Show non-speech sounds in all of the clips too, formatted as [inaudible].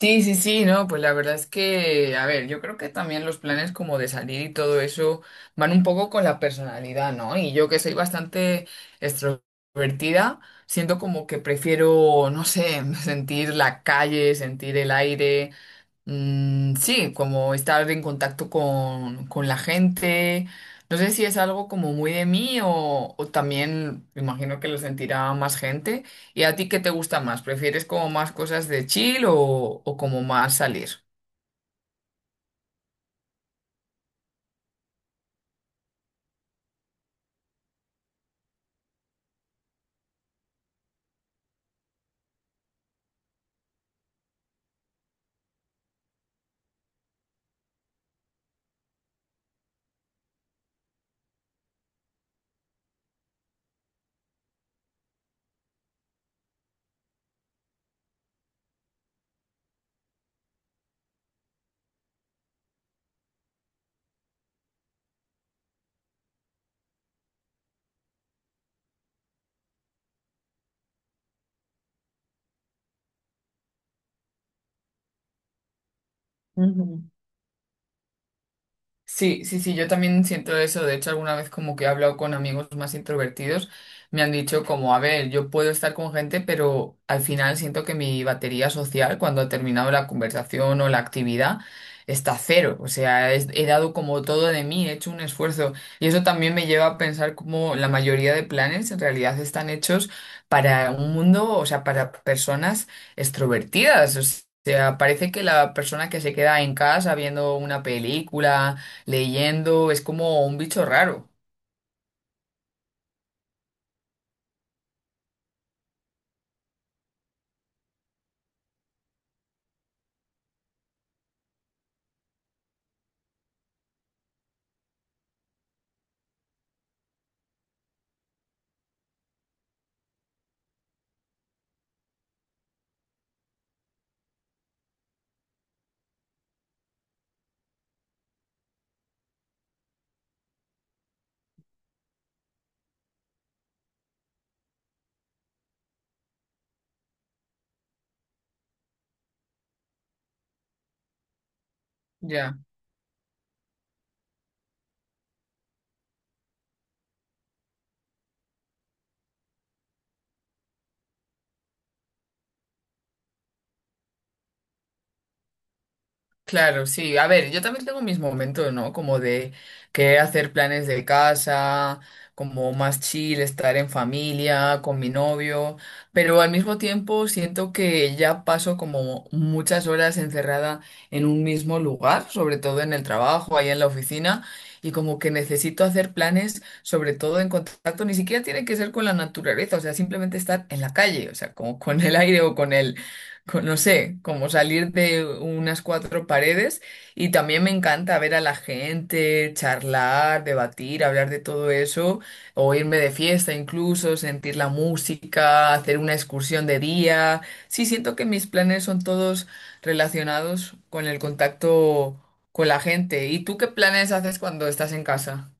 Sí, sí, sí, no, pues la verdad es que, a ver, yo creo que también los planes como de salir y todo eso van un poco con la personalidad, ¿no? Y yo que soy bastante extrovertida, siento como que prefiero, no sé, [laughs] sentir la calle, sentir el aire, Mm, sí, como estar en contacto con la gente. No sé si es algo como muy de mí o también me imagino que lo sentirá más gente. ¿Y a ti qué te gusta más? ¿Prefieres como más cosas de chill o como más salir? Sí, sí, sí, yo también siento eso. De hecho, alguna vez como que he hablado con amigos más introvertidos, me han dicho como, a ver, yo puedo estar con gente, pero al final siento que mi batería social, cuando ha terminado la conversación o la actividad, está a cero. O sea, he dado como todo de mí, he hecho un esfuerzo. Y eso también me lleva a pensar como la mayoría de planes en realidad están hechos para un mundo, o sea, para personas extrovertidas. O sea, parece que la persona que se queda en casa viendo una película, leyendo es como un bicho raro. Ya. Claro, sí. A ver, yo también tengo mis momentos, ¿no? Como de querer hacer planes de casa, como más chill, estar en familia, con mi novio, pero al mismo tiempo siento que ya paso como muchas horas encerrada en un mismo lugar, sobre todo en el trabajo, ahí en la oficina, y como que necesito hacer planes, sobre todo en contacto, ni siquiera tiene que ser con la naturaleza, o sea, simplemente estar en la calle, o sea, como con el aire o con el no sé, como salir de unas cuatro paredes y también me encanta ver a la gente, charlar, debatir, hablar de todo eso, o irme de fiesta incluso, sentir la música, hacer una excursión de día. Sí, siento que mis planes son todos relacionados con el contacto con la gente. ¿Y tú qué planes haces cuando estás en casa?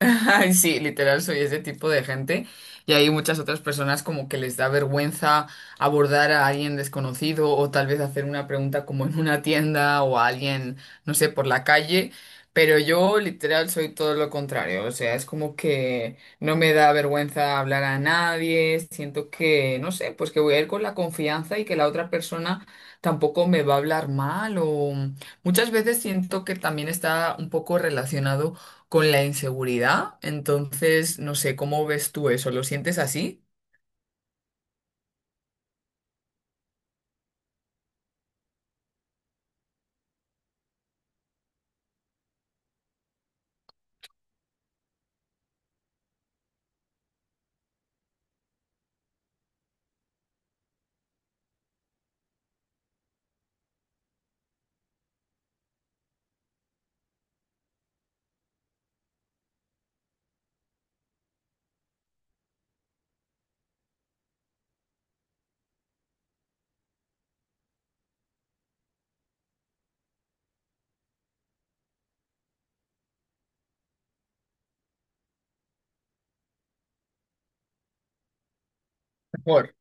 Ay, sí, literal, soy ese tipo de gente. Y hay muchas otras personas como que les da vergüenza abordar a alguien desconocido o tal vez hacer una pregunta como en una tienda o a alguien, no sé, por la calle. Pero yo literal soy todo lo contrario. O sea, es como que no me da vergüenza hablar a nadie. Siento que, no sé, pues que voy a ir con la confianza y que la otra persona tampoco me va a hablar mal o muchas veces siento que también está un poco relacionado con la inseguridad. Entonces, no sé, ¿cómo ves tú eso? ¿Lo sientes así? Mejor.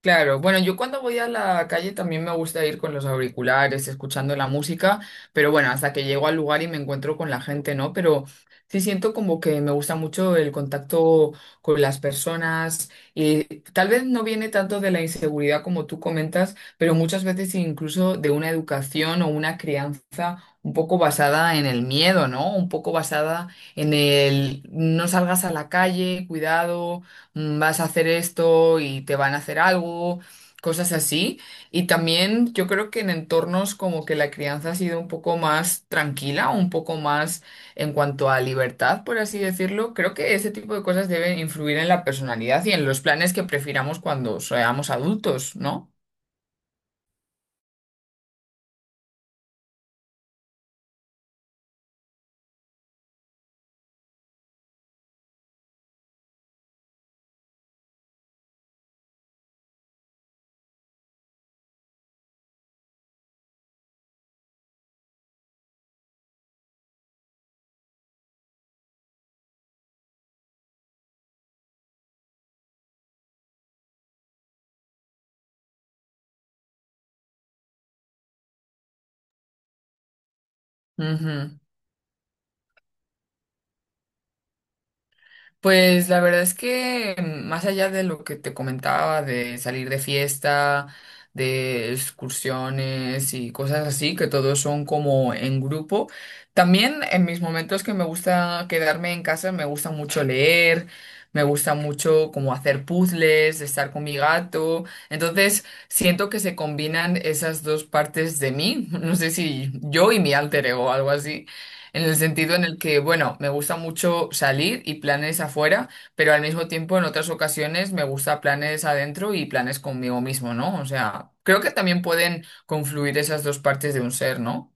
Claro, bueno, yo cuando voy a la calle también me gusta ir con los auriculares, escuchando la música, pero bueno, hasta que llego al lugar y me encuentro con la gente, ¿no? Pero sí siento como que me gusta mucho el contacto con las personas y tal vez no viene tanto de la inseguridad como tú comentas, pero muchas veces incluso de una educación o una crianza un poco basada en el miedo, ¿no? Un poco basada en el no salgas a la calle, cuidado vas a hacer esto y te van a hacer algo, cosas así. Y también yo creo que en entornos como que la crianza ha sido un poco más tranquila, un poco más en cuanto a libertad, por así decirlo, creo que ese tipo de cosas deben influir en la personalidad y en los planes que prefiramos cuando seamos adultos, ¿no? Pues la verdad es que más allá de lo que te comentaba, de salir de fiesta, de excursiones y cosas así, que todos son como en grupo, también en mis momentos que me gusta quedarme en casa, me gusta mucho leer, me gusta mucho como hacer puzzles, estar con mi gato, entonces siento que se combinan esas dos partes de mí, [laughs] no sé si yo y mi alter ego o algo así. En el sentido en el que, bueno, me gusta mucho salir y planes afuera, pero al mismo tiempo en otras ocasiones me gusta planes adentro y planes conmigo mismo, ¿no? O sea, creo que también pueden confluir esas dos partes de un ser, ¿no?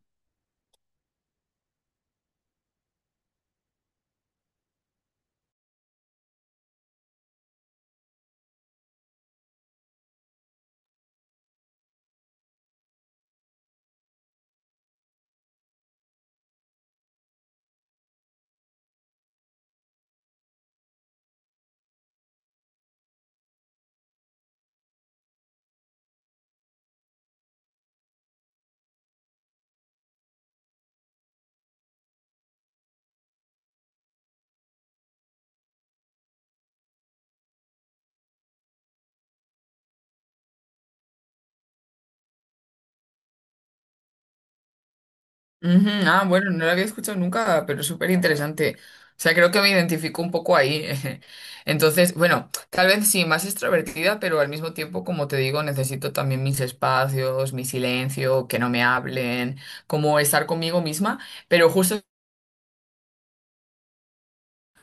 Ujú, ah, bueno, no lo había escuchado nunca, pero es súper interesante. O sea, creo que me identifico un poco ahí. [laughs] Entonces, bueno, tal vez sí, más extrovertida, pero al mismo tiempo, como te digo, necesito también mis espacios, mi silencio, que no me hablen, como estar conmigo misma. Pero justo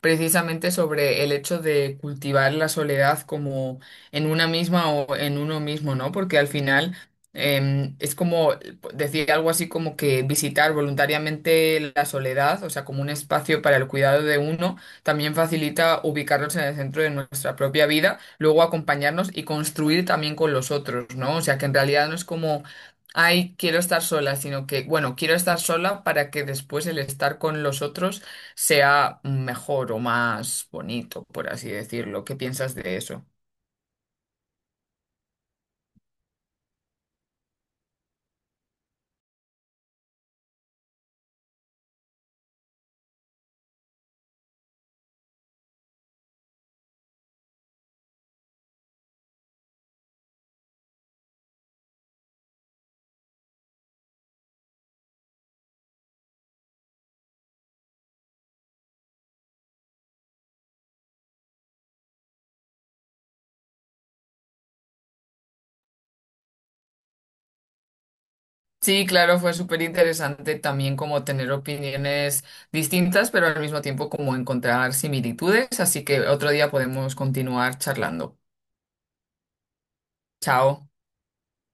precisamente sobre el hecho de cultivar la soledad como en una misma o en uno mismo, ¿no? Porque al final es como decir algo así como que visitar voluntariamente la soledad, o sea, como un espacio para el cuidado de uno, también facilita ubicarnos en el centro de nuestra propia vida, luego acompañarnos y construir también con los otros, ¿no? O sea, que en realidad no es como... Ay, quiero estar sola, sino que, bueno, quiero estar sola para que después el estar con los otros sea mejor o más bonito, por así decirlo. ¿Qué piensas de eso? Sí, claro, fue súper interesante también como tener opiniones distintas, pero al mismo tiempo como encontrar similitudes, así que otro día podemos continuar charlando. Chao.